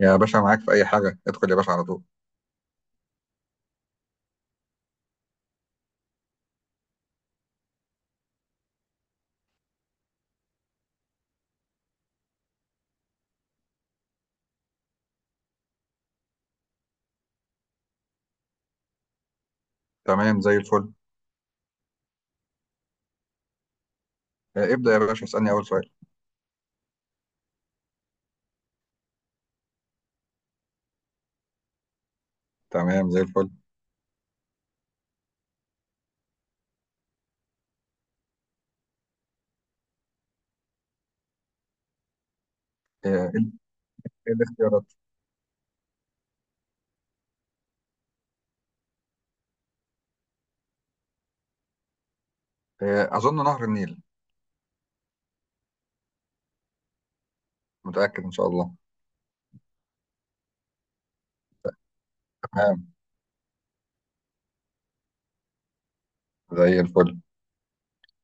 يا باشا، معاك في أي حاجة، ادخل يا باشا على طول. تمام، زي الفل. آه، ابدأ يا باشا، اسألني أول سؤال. تمام، زي الفل. آه، إيه الاختيارات؟ أظن نهر النيل. متأكد، إن شاء الله. تمام، زي الفل.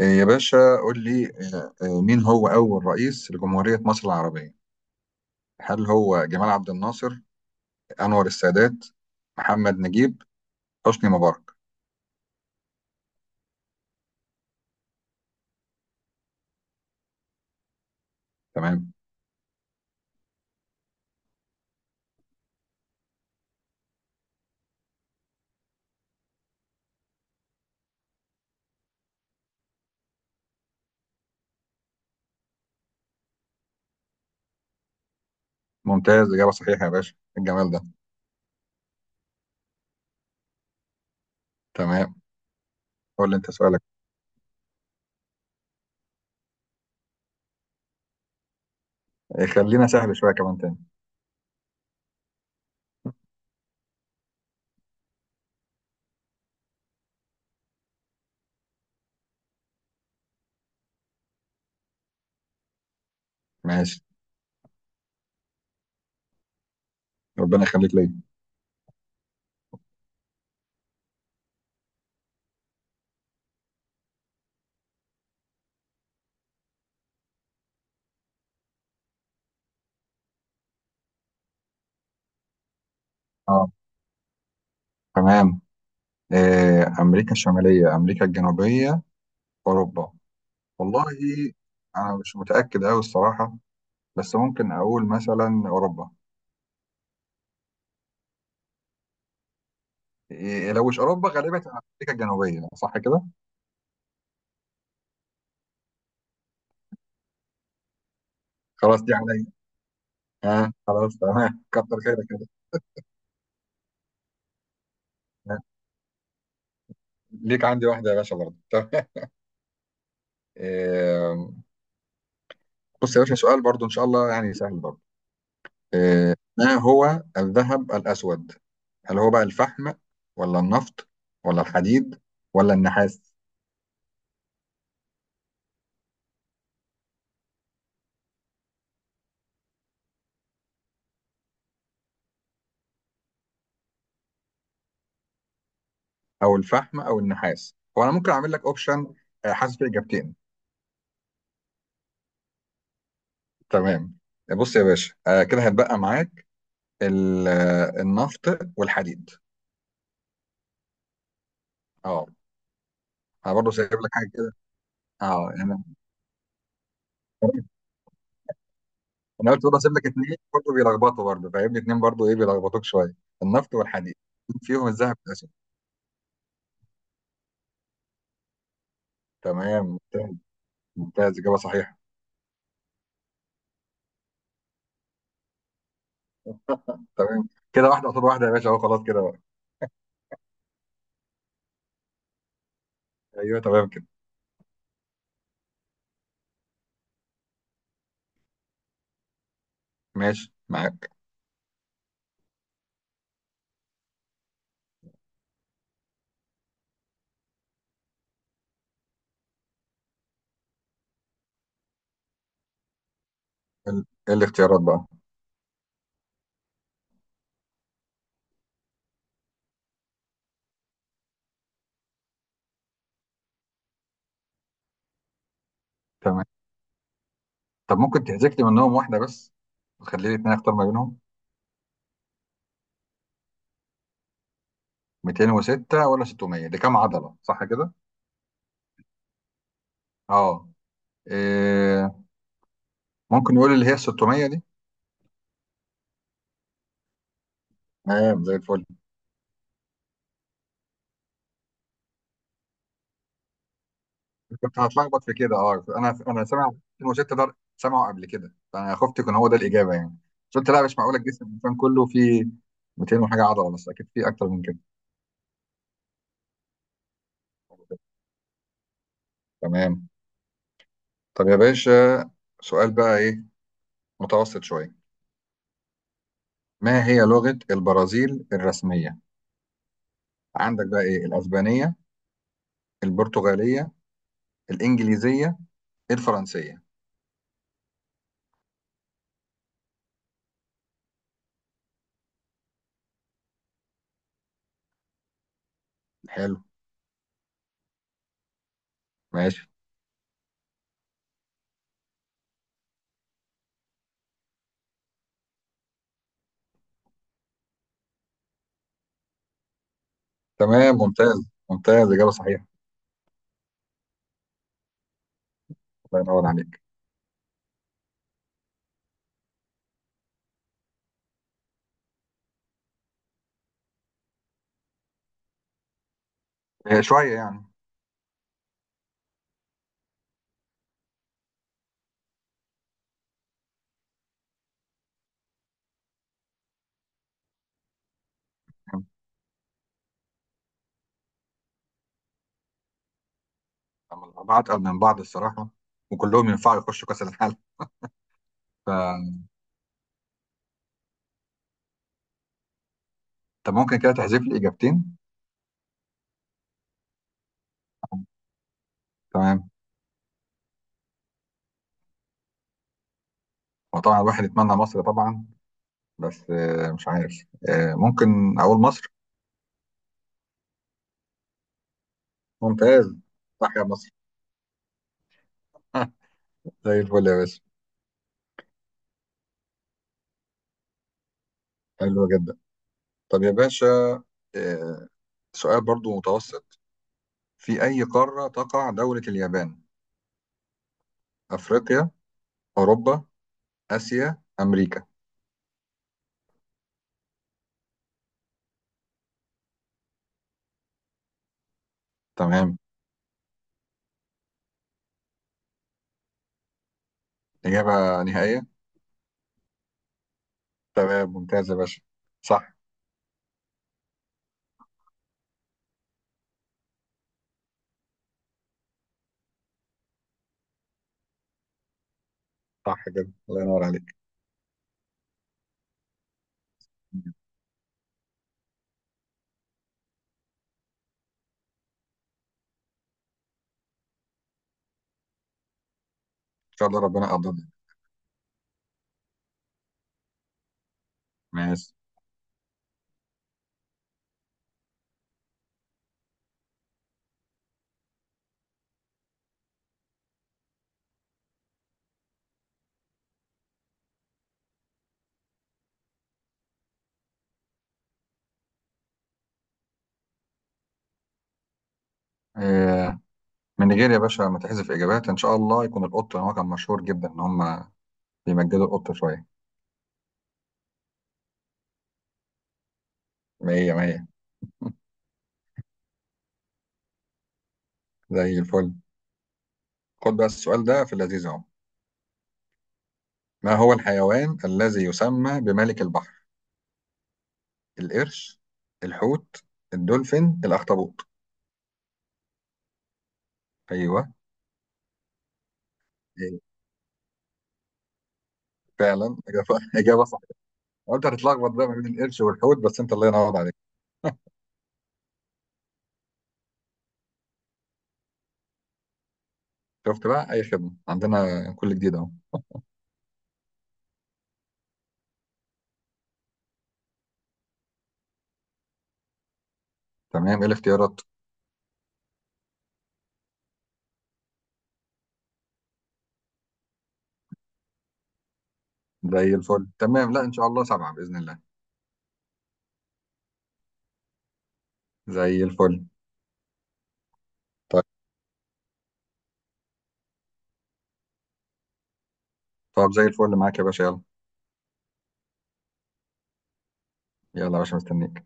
آه، يا باشا قول لي. مين هو أول رئيس لجمهورية مصر العربية؟ هل هو جمال عبد الناصر، أنور السادات، محمد نجيب، حسني مبارك؟ تمام، ممتاز، إجابة صحيحة يا باشا. إيه الجمال ده! تمام. قول لي أنت سؤالك. آه، خلينا سهل شوية كمان تاني. ماشي، ربنا يخليك ليا. آه. تمام. أمريكا الشمالية، أمريكا الجنوبية، أوروبا؟ والله، أنا مش متأكد أوي الصراحة، بس ممكن أقول مثلا أوروبا. إيه، لو مش أوروبا غالبا تبقى أمريكا الجنوبية، صح كده؟ خلاص، دي عليا. آه خلاص، تمام، كتر خيرك كده. آه. ليك عندي واحدة يا باشا برضه، تمام. آه، بص يا باشا، سؤال برضه إن شاء الله يعني سهل برضه. ما هو الذهب الأسود؟ هل هو بقى الفحم، ولا النفط، ولا الحديد، ولا النحاس؟ او الفحم او النحاس. هو انا ممكن اعمل لك اوبشن، حاسس في اجابتين. تمام، بص يا باشا، كده هتبقى معاك النفط والحديد. اه، انا برضه سايب لك حاجه كده. اه، انا قلت برضه اسيب لك اثنين برضه بيلخبطوا برضه، فاهمني، اثنين برضه ايه بيلخبطوك شويه. النفط والحديد، فيهم الذهب والاسود. تمام، ممتاز ممتاز، اجابه صحيحه. تمام كده، واحده قصاد واحده يا باشا، اهو خلاص كده بقى. ايوه، تمام كده. ماشي معاك. ايه الاختيارات بقى؟ تمام. طب ممكن تحذف لي منهم واحدة بس، وتخلي لي اتنين اختار ما بينهم. 206 ولا 600؟ دي كام عضلة، صح كده؟ اه. إيه، ممكن يقول اللي هي 600 دي. تمام، زي الفل. كنت هتلخبط في كده. اه، انا سامع 206 ده، سامعه قبل كده، فانا خفت يكون هو ده الإجابة يعني. بس قلت لا، مش معقولة الجسم الإنسان كله فيه 200 وحاجة عضلة بس، أكيد فيه أكتر من كده. تمام. طب يا باشا، سؤال بقى إيه، متوسط شوية. ما هي لغة البرازيل الرسمية؟ عندك بقى إيه، الأسبانية، البرتغالية، الإنجليزية، الفرنسية؟ حلو. ماشي. تمام، ممتاز ممتاز، إجابة صحيحة. الله ينور عليك. آه، شوية يعني. أما الأربعة أتقل من بعض الصراحة، وكلهم ينفعوا يخشوا كأس العالم. طب ممكن كده تحذف لي إجابتين. تمام. وطبعا الواحد يتمنى مصر طبعا، بس مش عارف، ممكن أقول مصر. ممتاز. صح، يا مصر. زي الفل يا باشا. حلو جدا. طب يا باشا، آه، سؤال برضو متوسط. في أي قارة تقع دولة اليابان؟ أفريقيا، أوروبا، آسيا، أمريكا؟ تمام. إجابة نهائية. تمام، ممتاز يا باشا. صح. صح كده، الله ينور عليك. إن شاء الله، ربنا يقدرنا. ماشي. آه من نيجيريا يا باشا، متحذف إجابات إن شاء الله يكون القط، هو كان مشهور جدا إن هم بيمجدوا القط شوية. مية مية. زي الفل. خد بقى السؤال ده في اللذيذ أهو. ما هو الحيوان الذي يسمى بملك البحر؟ القرش، الحوت، الدولفين، الأخطبوط؟ أيوه. إيه، فعلا إجابة إجابة. قلت هتتلخبط بقى ما بين القرش والحوت، بس انت الله ينور عليك. شفت بقى، اي خدمه عندنا، كل جديد اهو. تمام، ايه الاختيارات؟ زي الفل، تمام. لا ان شاء الله سبعه باذن الله. زي الفل. طيب. طب زي الفل معاك يا باشا، يلا. يلا يا باشا، مستنيك.